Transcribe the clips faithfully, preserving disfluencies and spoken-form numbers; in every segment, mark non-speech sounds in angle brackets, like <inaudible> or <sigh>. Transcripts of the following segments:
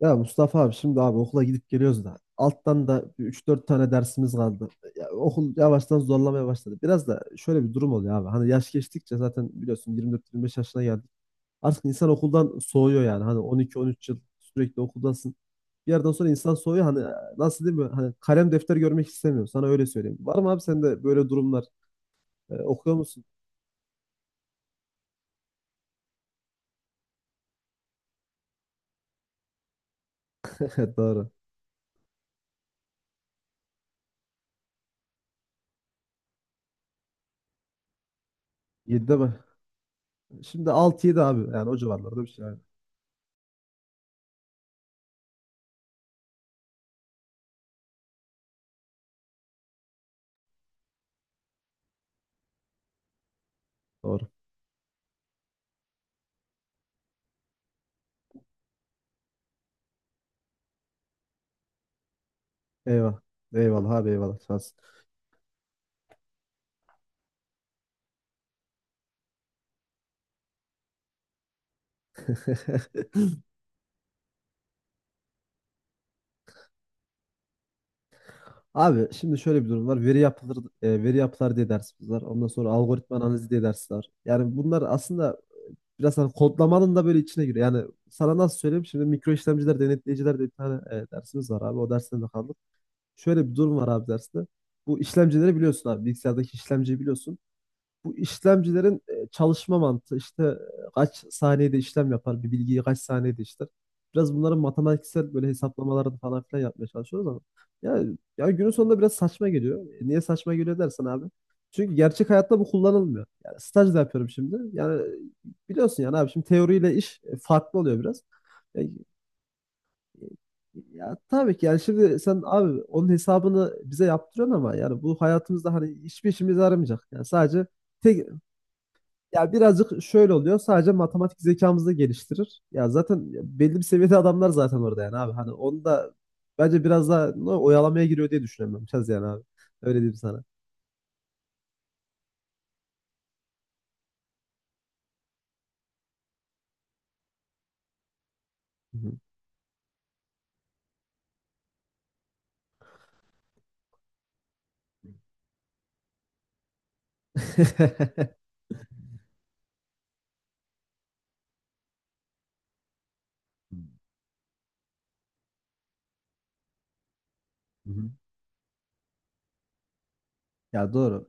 Ya Mustafa abi şimdi abi okula gidip geliyoruz da alttan da üç dört tane dersimiz kaldı. Ya okul yavaştan zorlamaya başladı. Biraz da şöyle bir durum oluyor abi. Hani yaş geçtikçe zaten biliyorsun yirmi dört yirmi beş yaşına geldik. Artık insan okuldan soğuyor yani. Hani on iki on üç yıl sürekli okuldasın. Bir yerden sonra insan soğuyor. Hani nasıl değil mi? Hani kalem defter görmek istemiyor. Sana öyle söyleyeyim. Var mı abi sende böyle durumlar? Ee, okuyor musun? <laughs> Evet. Doğru. Yedide mi? Şimdi altı yedi abi. Yani o civarlarda bir şey. Yani. Doğru. Eyvallah. Eyvallah abi eyvallah. Sağ ol. Abi şimdi şöyle bir durum var. Veri yapıları, e, veri yapılar diye dersimiz var. Ondan sonra algoritma analizi diye ders var. Yani bunlar aslında biraz hani kodlamanın da böyle içine giriyor. Yani sana nasıl söyleyeyim? Şimdi mikro işlemciler, denetleyiciler diye bir tane e, dersimiz var abi. O dersten de kaldık. Şöyle bir durum var abi derste. Bu işlemcileri biliyorsun abi. Bilgisayardaki işlemciyi biliyorsun. Bu işlemcilerin e, çalışma mantığı işte e, kaç saniyede işlem yapar, bir bilgiyi kaç saniyede işler. Biraz bunların matematiksel böyle hesaplamalarını falan filan yapmaya çalışıyoruz ama ya, ya günün sonunda biraz saçma geliyor. E, Niye saçma geliyor dersen abi? Çünkü gerçek hayatta bu kullanılmıyor. Yani staj da yapıyorum şimdi. Yani e, biliyorsun yani abi şimdi teoriyle iş e, farklı oluyor biraz. E, e, ya tabii ki yani şimdi sen abi onun hesabını bize yaptırıyorsun ama yani bu hayatımızda hani hiçbir işimize yaramayacak. Yani sadece tek ya birazcık şöyle oluyor. Sadece matematik zekamızı da geliştirir. Ya zaten belli bir seviyede adamlar zaten orada yani abi. Hani onu da bence biraz daha ne, oyalamaya giriyor diye düşünüyorum ben. Biraz yani abi. Öyle diyeyim sana. Hı hı. <laughs> Hı hı. Ya doğru.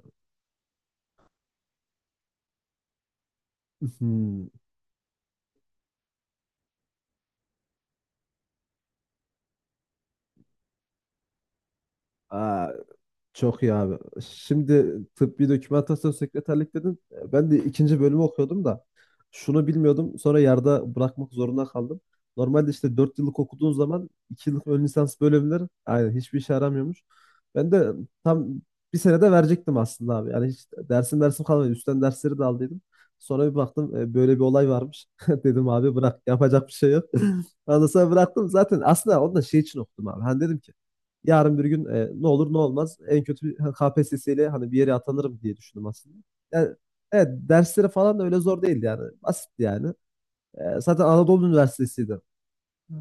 Hı hı. Aa, çok iyi abi. Şimdi tıbbi dokümantasyon sekreterlik dedin. E, Ben de ikinci bölümü okuyordum da şunu bilmiyordum. Sonra yarıda bırakmak zorunda kaldım. Normalde işte dört yıllık okuduğun zaman iki yıllık ön lisans bölümleri aynen hiçbir işe yaramıyormuş. Ben de tam bir senede verecektim aslında abi. Yani hiç dersim dersim kalmadı. Üstten dersleri de aldıydım. Sonra bir baktım e, böyle bir olay varmış. <laughs> Dedim abi bırak yapacak bir şey yok. <laughs> Ondan sonra bıraktım. Zaten aslında onu da şey için okudum abi. Hani dedim ki yarın bir gün e, ne olur ne olmaz en kötü K P S S ile hani bir yere atanırım diye düşündüm aslında. Yani, evet dersleri falan da öyle zor değildi yani. Basitti yani. E, zaten Anadolu Üniversitesi'ydi. Hı.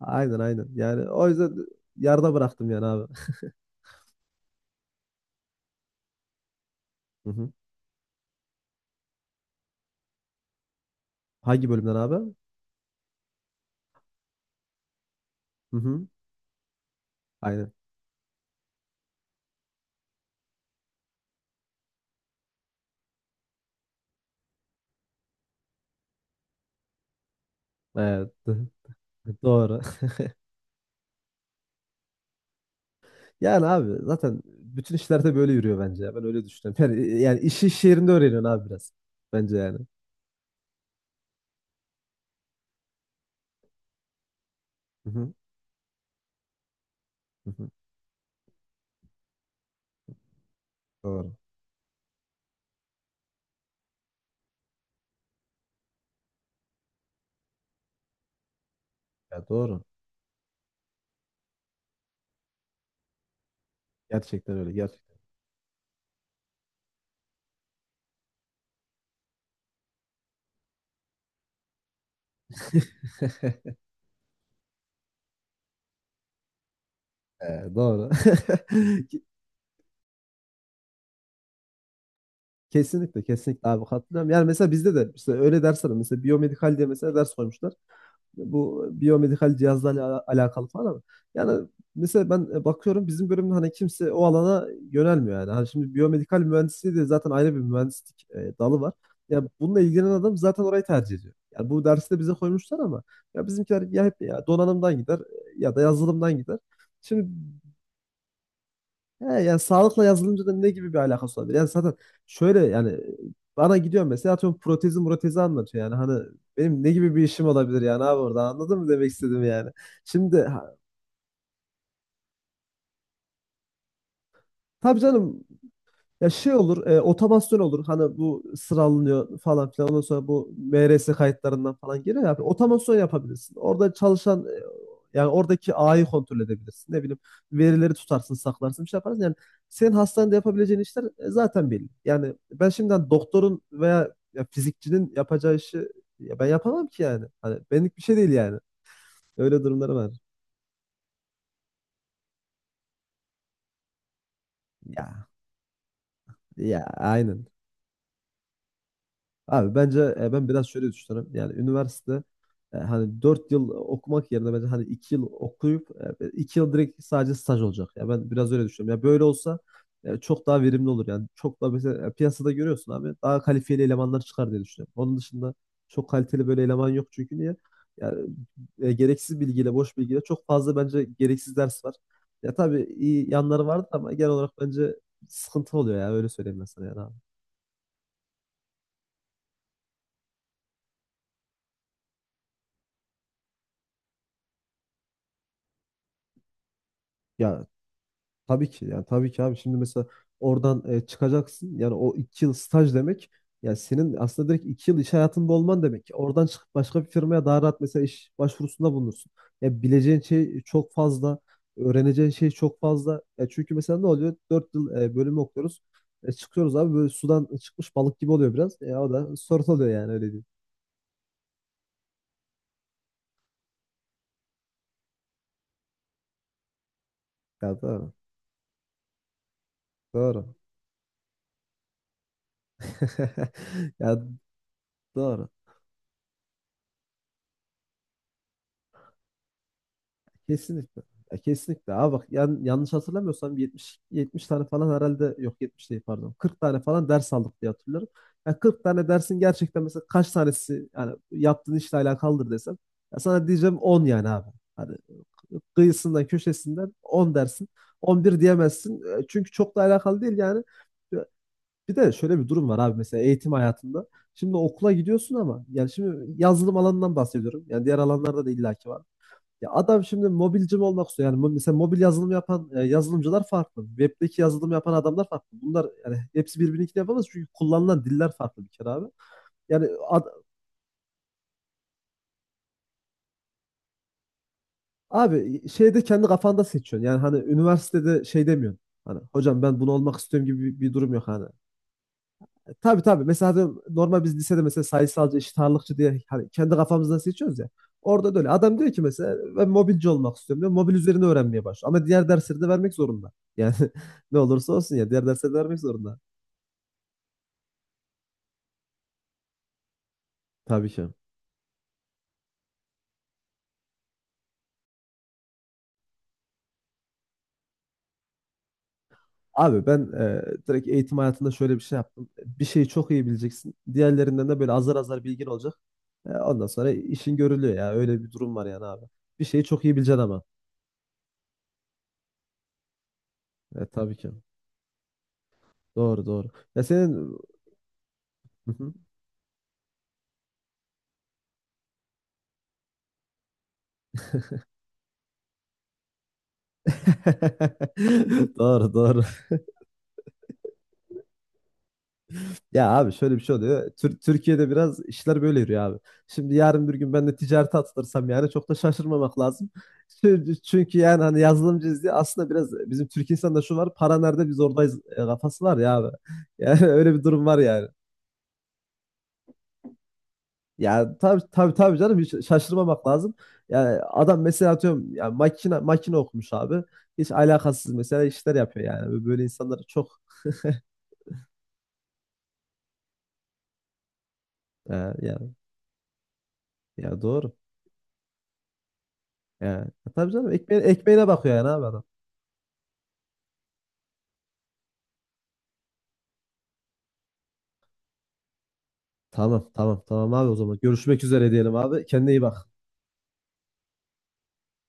Aynen aynen. Yani o yüzden yarıda bıraktım yani abi. Hı hı. Hangi bölümden abi? Hı hı. Aynen. Evet. <laughs> Doğru. Yani abi zaten bütün işlerde böyle yürüyor bence ya. Ben öyle düşünüyorum. Yani, yani işi iş yerinde öğreniyorsun abi biraz. Bence yani. Hı hı. Hı hı. Doğru. Ya doğru. Gerçekten öyle. Gerçekten. Ee, doğru. <laughs> Ke- Kesinlikle kesinlikle abi katılıyorum. Yani mesela bizde de işte öyle dersler var. Mesela biyomedikal diye mesela ders koymuşlar. Bu biyomedikal cihazlarla ala- alakalı falan ama yani mesela ben e, bakıyorum bizim bölümde hani kimse o alana yönelmiyor yani. Hani şimdi biyomedikal mühendisliği de zaten ayrı bir mühendislik e, dalı var. Ya bununla ilgilenen adam zaten orayı tercih ediyor. Yani bu dersi de bize koymuşlar ama ya bizimkiler ya hep ya donanımdan gider e, ya da yazılımdan gider. Şimdi He, yani sağlıkla yazılımcı da ne gibi bir alakası olabilir? Yani zaten şöyle yani bana gidiyor mesela atıyorum protezi protezi anlatıyor yani hani benim ne gibi bir işim olabilir yani abi orada anladın mı demek istedim yani. Şimdi ha- tabii canım. Ya şey olur, e, otomasyon olur. Hani bu sıralanıyor falan filan. Ondan sonra bu M R S kayıtlarından falan geliyor ya. Otomasyon yapabilirsin. Orada çalışan e, yani oradaki ağayı kontrol edebilirsin. Ne bileyim verileri tutarsın, saklarsın, bir şey yaparsın. Yani senin hastanede yapabileceğin işler e, zaten belli. Yani ben şimdiden doktorun veya ya fizikçinin yapacağı işi ya ben yapamam ki yani. Hani benlik bir şey değil yani. Öyle durumları var. Ya ya aynen. Abi bence e, ben biraz şöyle düşünüyorum. Yani üniversite e, hani dört yıl okumak yerine bence hani iki yıl okuyup e, iki yıl direkt sadece staj olacak. Ya ben biraz öyle düşünüyorum. Ya böyle olsa e, çok daha verimli olur yani. Çok daha mesela e, piyasada görüyorsun abi daha kalifiyeli elemanlar çıkar diye düşünüyorum. Onun dışında çok kaliteli böyle eleman yok çünkü niye? Yani e, gereksiz bilgiyle, boş bilgiyle çok fazla bence gereksiz ders var. Ya tabii iyi yanları vardır ama genel olarak bence sıkıntı oluyor ya öyle söyleyeyim ben sana yani abi. Ya tabii ki yani tabii ki abi şimdi mesela oradan e, çıkacaksın yani o iki yıl staj demek yani senin aslında direkt iki yıl iş hayatında olman demek. Oradan çıkıp başka bir firmaya daha rahat mesela iş başvurusunda bulunursun. Ya bileceğin şey çok fazla, öğreneceğin şey çok fazla. Ya çünkü mesela ne oluyor? Dört yıl e, bölümü okuyoruz. E, çıkıyoruz abi böyle sudan çıkmış balık gibi oluyor biraz. Ya o da sorun oluyor yani öyle değil. Ya doğru. Doğru. <laughs> Ya doğru. Kesinlikle. Ya kesinlikle. Abi bak yan, yanlış hatırlamıyorsam yetmiş yetmiş tane falan herhalde yok, yetmiş değil, pardon. kırk tane falan ders aldık diye hatırlıyorum. Ya kırk tane dersin gerçekten mesela kaç tanesi yani yaptığın işle alakalıdır desem ya sana diyeceğim on yani abi. Hani kıyısından köşesinden on dersin. on bir diyemezsin. E, Çünkü çok da alakalı değil yani. Bir de şöyle bir durum var abi mesela eğitim hayatında. Şimdi okula gidiyorsun ama yani şimdi yazılım alanından bahsediyorum. Yani diğer alanlarda da illaki var. Ya adam şimdi mobilci mi olmak istiyor? Yani mo- mesela mobil yazılım yapan e, yazılımcılar farklı. Web'deki yazılım yapan adamlar farklı. Bunlar yani hepsi birbirini yapamaz çünkü kullanılan diller farklı bir kere abi. Yani ad- abi şeyde kendi kafanda seçiyorsun. Yani hani üniversitede şey demiyorsun. Hani hocam ben bunu olmak istiyorum gibi bir, bir durum yok hani. Tabii tabii. Mesela diyorum, normal biz lisede mesela sayısalcı, eşit ağırlıkçı diye hani kendi kafamızdan seçiyoruz ya. Orada da öyle. Adam diyor ki mesela ben mobilci olmak istiyorum diyor. Mobil üzerine öğrenmeye başlıyor. Ama diğer dersleri de vermek zorunda. Yani <laughs> ne olursa olsun ya diğer dersleri de vermek zorunda. Tabii ki. Abi ben e, direkt eğitim hayatında şöyle bir şey yaptım. Bir şeyi çok iyi bileceksin. Diğerlerinden de böyle azar azar bilgin olacak. E, ondan sonra işin görülüyor ya. Öyle bir durum var yani abi. Bir şeyi çok iyi bileceksin ama. E, tabii ki. Doğru doğru. Ya senin... Hı hı. <laughs> Doğru doğru. Ya abi şöyle bir şey oluyor. Tür- Türkiye'de biraz işler böyle yürüyor abi. Şimdi yarın bir gün ben de ticarete atılırsam yani çok da şaşırmamak lazım. Çünkü çünkü yani hani yazılımcıyız diye aslında biraz bizim Türk insanında şu var. Para nerede biz oradayız e, kafası var ya abi. Yani <laughs> öyle bir durum var yani. Ya tabii tabii tabii canım hiç şaşırmamak lazım. Yani adam mesela atıyorum ya makine makine okumuş abi. Hiç alakasız mesela işler yapıyor yani. Böyle insanları çok e, yani ya doğru. Yani. Tabii canım ekmeğine, ekmeğine bakıyor yani abi adam. Tamam tamam tamam abi o zaman. Görüşmek üzere diyelim abi. Kendine iyi bak.